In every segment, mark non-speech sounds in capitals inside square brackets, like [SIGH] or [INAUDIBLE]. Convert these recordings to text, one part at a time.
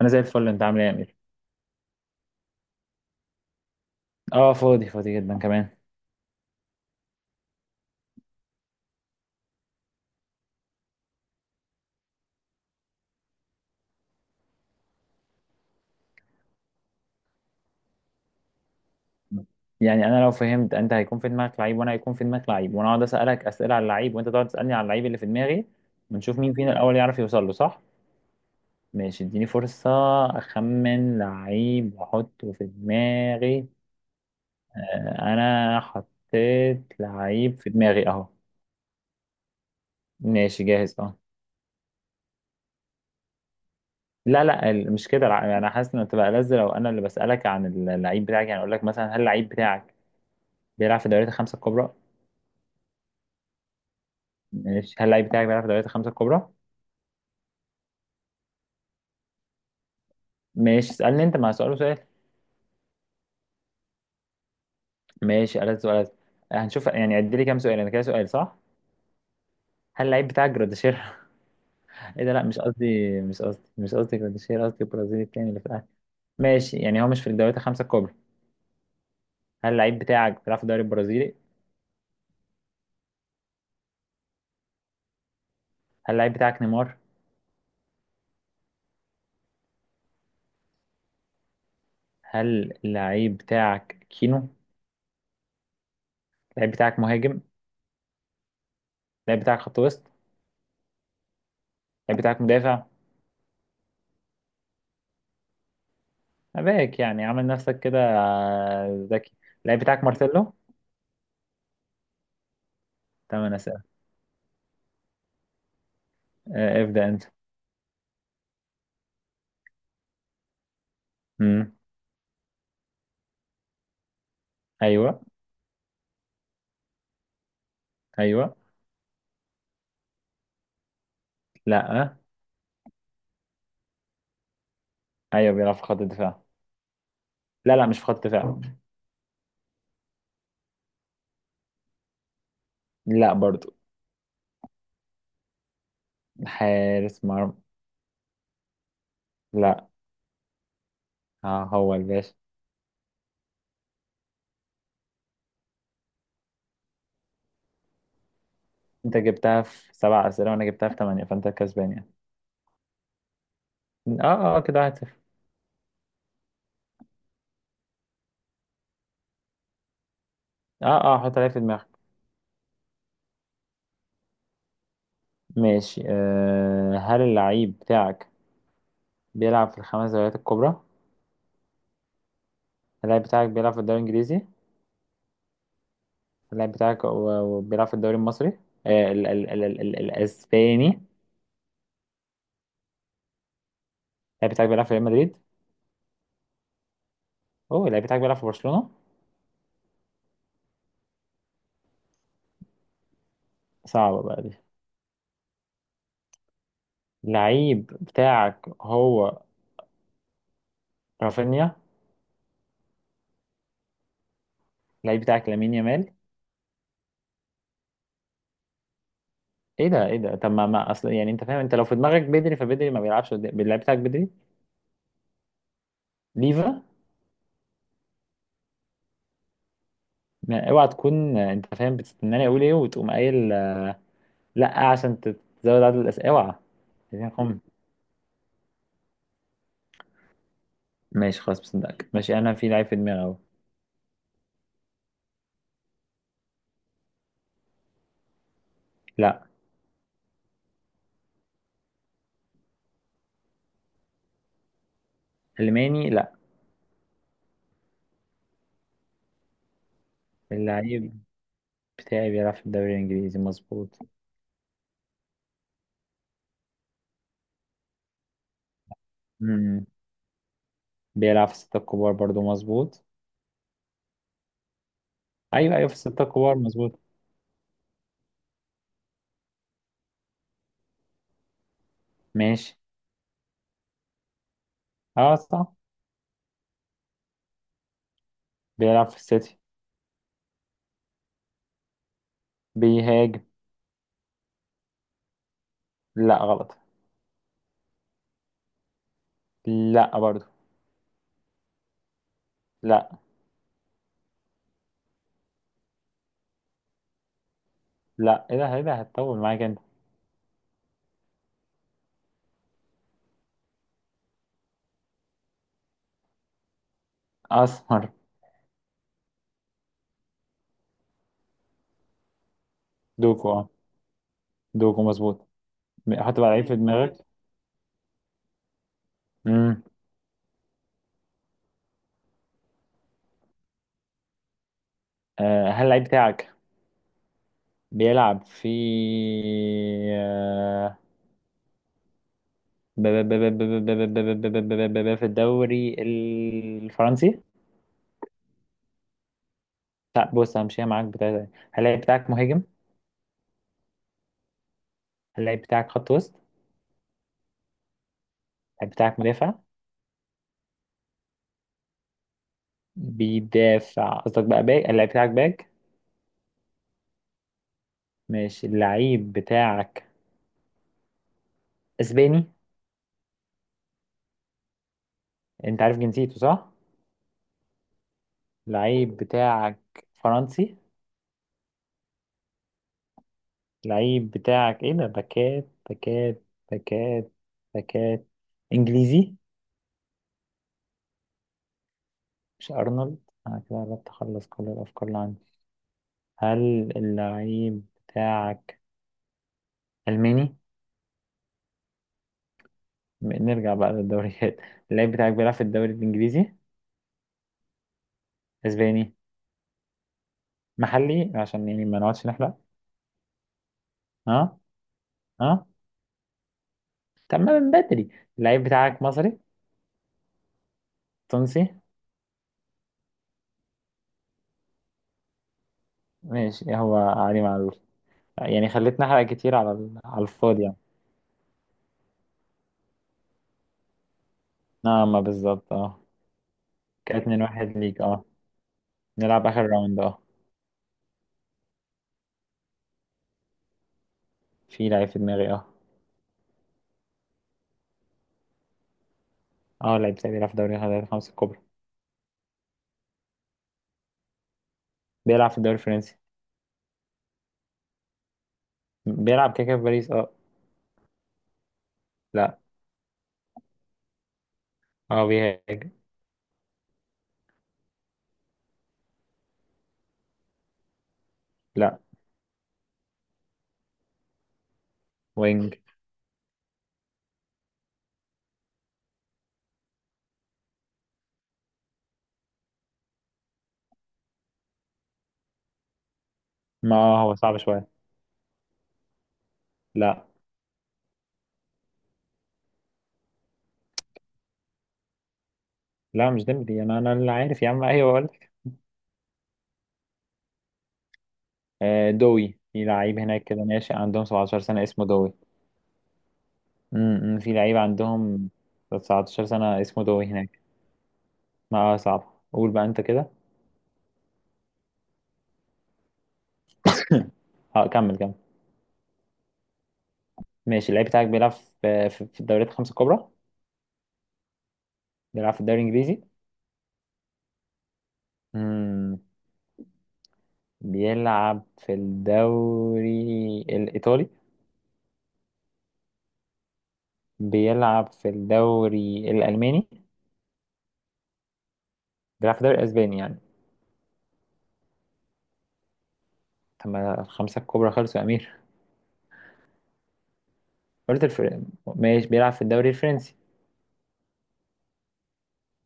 انا زي الفل. انت عامل ايه يا امير؟ اه، فاضي فاضي جدا كمان. يعني انا لو فهمت، انت هيكون في دماغك لعيب وانا هيكون في دماغك لعيب، وانا اقعد اسالك اسئله على اللعيب وانت تقعد تسالني على اللعيب اللي في دماغي، ونشوف مين فينا الاول يعرف يوصل له، صح؟ ماشي، اديني فرصه اخمن لعيب واحطه في دماغي. آه، انا حطيت لعيب في دماغي اهو. ماشي، جاهز اه. لا لا، مش كده. انا حاسس ان تبقى لذ لو انا اللي بسالك عن اللعيب بتاعك. يعني اقول لك مثلا، هل اللعيب بتاعك بيلعب في الدوريات الخمسه الكبرى؟ ماشي، هل اللعيب بتاعك بيلعب في دوريات الخمسة الكبرى؟ ماشي، اسألني أنت مع سؤال وسؤال. ماشي، ألد سؤال. هنشوف يعني. عد لي كام سؤال أنا كده، سؤال صح؟ هل اللعيب بتاعك جراديشير؟ [LAUGHS] إيه ده؟ لا مش قصدي، مش قصدي، مش قصدي جراديشير، قصدي البرازيلي التاني اللي في الأهلي. ماشي، يعني هو مش في الدوريات الخمسة الكبرى. هل اللعيب بتاعك بيلعب في الدوري البرازيلي؟ هل اللعيب بتاعك نيمار؟ هل اللعيب بتاعك كينو؟ اللعيب بتاعك مهاجم؟ اللعيب بتاعك خط وسط؟ اللعيب بتاعك مدافع؟ أباك، يعني عامل نفسك كده ذكي. اللعيب بتاعك مارسيلو؟ تمام، أنا سأل. آه، ابدأ أنت. امم. ايوه ايوه. لا. ايوه بيلعب في خط الدفاع. لا لا، مش في خط الدفاع. لا برضو. حارس مرمى. لا. آه هو الباشا. انت جبتها في سبع اسئله وانا جبتها في ثمانيه، فانت كسبان يعني. اه اه، آه، كده واحد صفر. اه اه، حط عليها في دماغك. ماشي. آه، هل اللعيب بتاعك بيلعب في الخمس دوريات الكبرى؟ اللاعب بتاعك بيلعب في الدوري الانجليزي؟ اللاعب بتاعك و- وبيلعب في الدوري المصري؟ آه، ال ال ال ال الاسباني؟ اللاعب بتاعك بيلعب في ريال مدريد؟ اوه، اللاعب بتاعك بيلعب في برشلونه؟ صعبه بقى دي. لعيب بتاعك هو رافينيا. لعيب بتاعك لامين يامال. ايه ده، ايه ده؟ طب ما اصل، يعني انت فاهم، انت لو في دماغك بدري فبدري ما بيلعبش اللعيب بتاعك بدري. ليفا. ما اوعى تكون، انت فاهم بتستناني اقول ايه وتقوم قايل لا، عشان تزود عدد الاسئله. اوعى. عايزين خم. ماشي خلاص، بصدقك. ماشي، انا في لعيب في دماغي اهو. لا. الماني، لا. اللعيب بتاعي بيلعب في الدوري الانجليزي، مظبوط. امم. بيلعب في الستة الكبار، برضو مظبوط. ايوه ايوه، في الستة الكبار مظبوط. ماشي. اه صح. بيلعب في السيتي. بيهاجم. لا غلط. لا برضو. لا. لا. ايه ده، ايه ده، هتطول معاك انت. اسمر. دوكو اه. دوكو مظبوط. حط بقى لعيب في دماغك. امم. آه، هل اللعيب بتاعك بيلعب في آه، في الدوري الفرنسي؟ لا، بص، همشيها معاك بتاعتك. هل اللعيب بتاعك مهاجم؟ هل اللعيب بتاعك خط وسط؟ اللعيب بتاعك مدافع؟ بيدافع، قصدك بقى باك. اللعيب بتاعك باك؟ ماشي، اللعيب بتاعك اسباني؟ انت عارف جنسيته، صح؟ لعيب بتاعك فرنسي؟ لعيب بتاعك، ايه ده، باكات باكات باكات باكات انجليزي؟ مش ارنولد. انا كده قربت اخلص كل الافكار اللي عندي. هل اللعيب بتاعك الماني؟ نرجع بقى للدوريات. [LAUGHS] اللعيب بتاعك بيلعب في الدوري الانجليزي؟ اسباني؟ محلي، عشان يعني ما نقعدش نحرق. ها، ها. تمام من بدري. اللعيب بتاعك مصري؟ تونسي. ماشي، هو علي معلول. يعني خليتني احرق كتير على على الفاضي يعني. نعم، ما بالظبط اه. كده اتنين واحد ليك، اه. نلعب اخر راوند، اه. في لعيب في دماغي، اه. اه لعيب ساعي، بيلعب في دوري الخمسة الكبرى. بيلعب في الدوري الفرنسي. بيلعب كده كده في باريس، اه. لا. اه بيهاجم. لا. وينج. ما هو صعب شوية. لا لا، مش ديمبلي. انا اللي عارف يا عم، ايوه بقول لك. آه، دوي. في لعيب هناك كده ناشئ عندهم 17 سنة اسمه دوي. امم، في لعيب عندهم 19 سنة اسمه دوي هناك. ما صعب قول بقى انت كده. [COUGHS] اه كمل كمل. ماشي، اللعيب بتاعك بيلعب في الدوريات الخمسة الكبرى؟ بيلعب في الدوري الإنجليزي؟ مم. بيلعب في الدوري الإيطالي؟ بيلعب في الدوري الألماني؟ بيلعب في الدوري الأسباني يعني؟ طب ما الخمسة الكبرى خلصوا يا أمير. قلت الفر... ماشي، بيلعب في الدوري الفرنسي.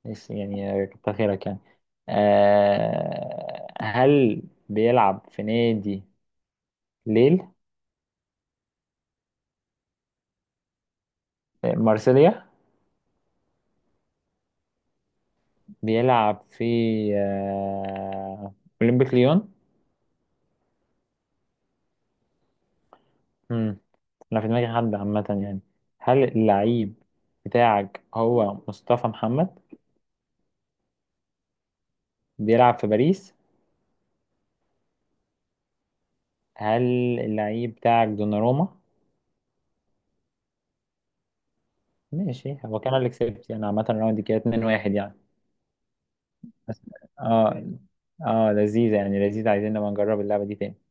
ماشي، يعني كتر خيرك يعني. هل بيلعب في نادي ليل؟ مارسيليا؟ بيلعب في آه، أولمبيك ليون؟ مم. أنا في دماغي حد عامة يعني. هل اللعيب بتاعك هو مصطفى محمد؟ بيلعب في باريس؟ هل اللعيب بتاعك دوناروما؟ ماشي، هو كان اللي كسبت يعني. عامة الراوند دي كده 2-1 يعني. بس اه، اه لذيذة يعني، لذيذة. عايزين نبقى نجرب اللعبة دي تاني.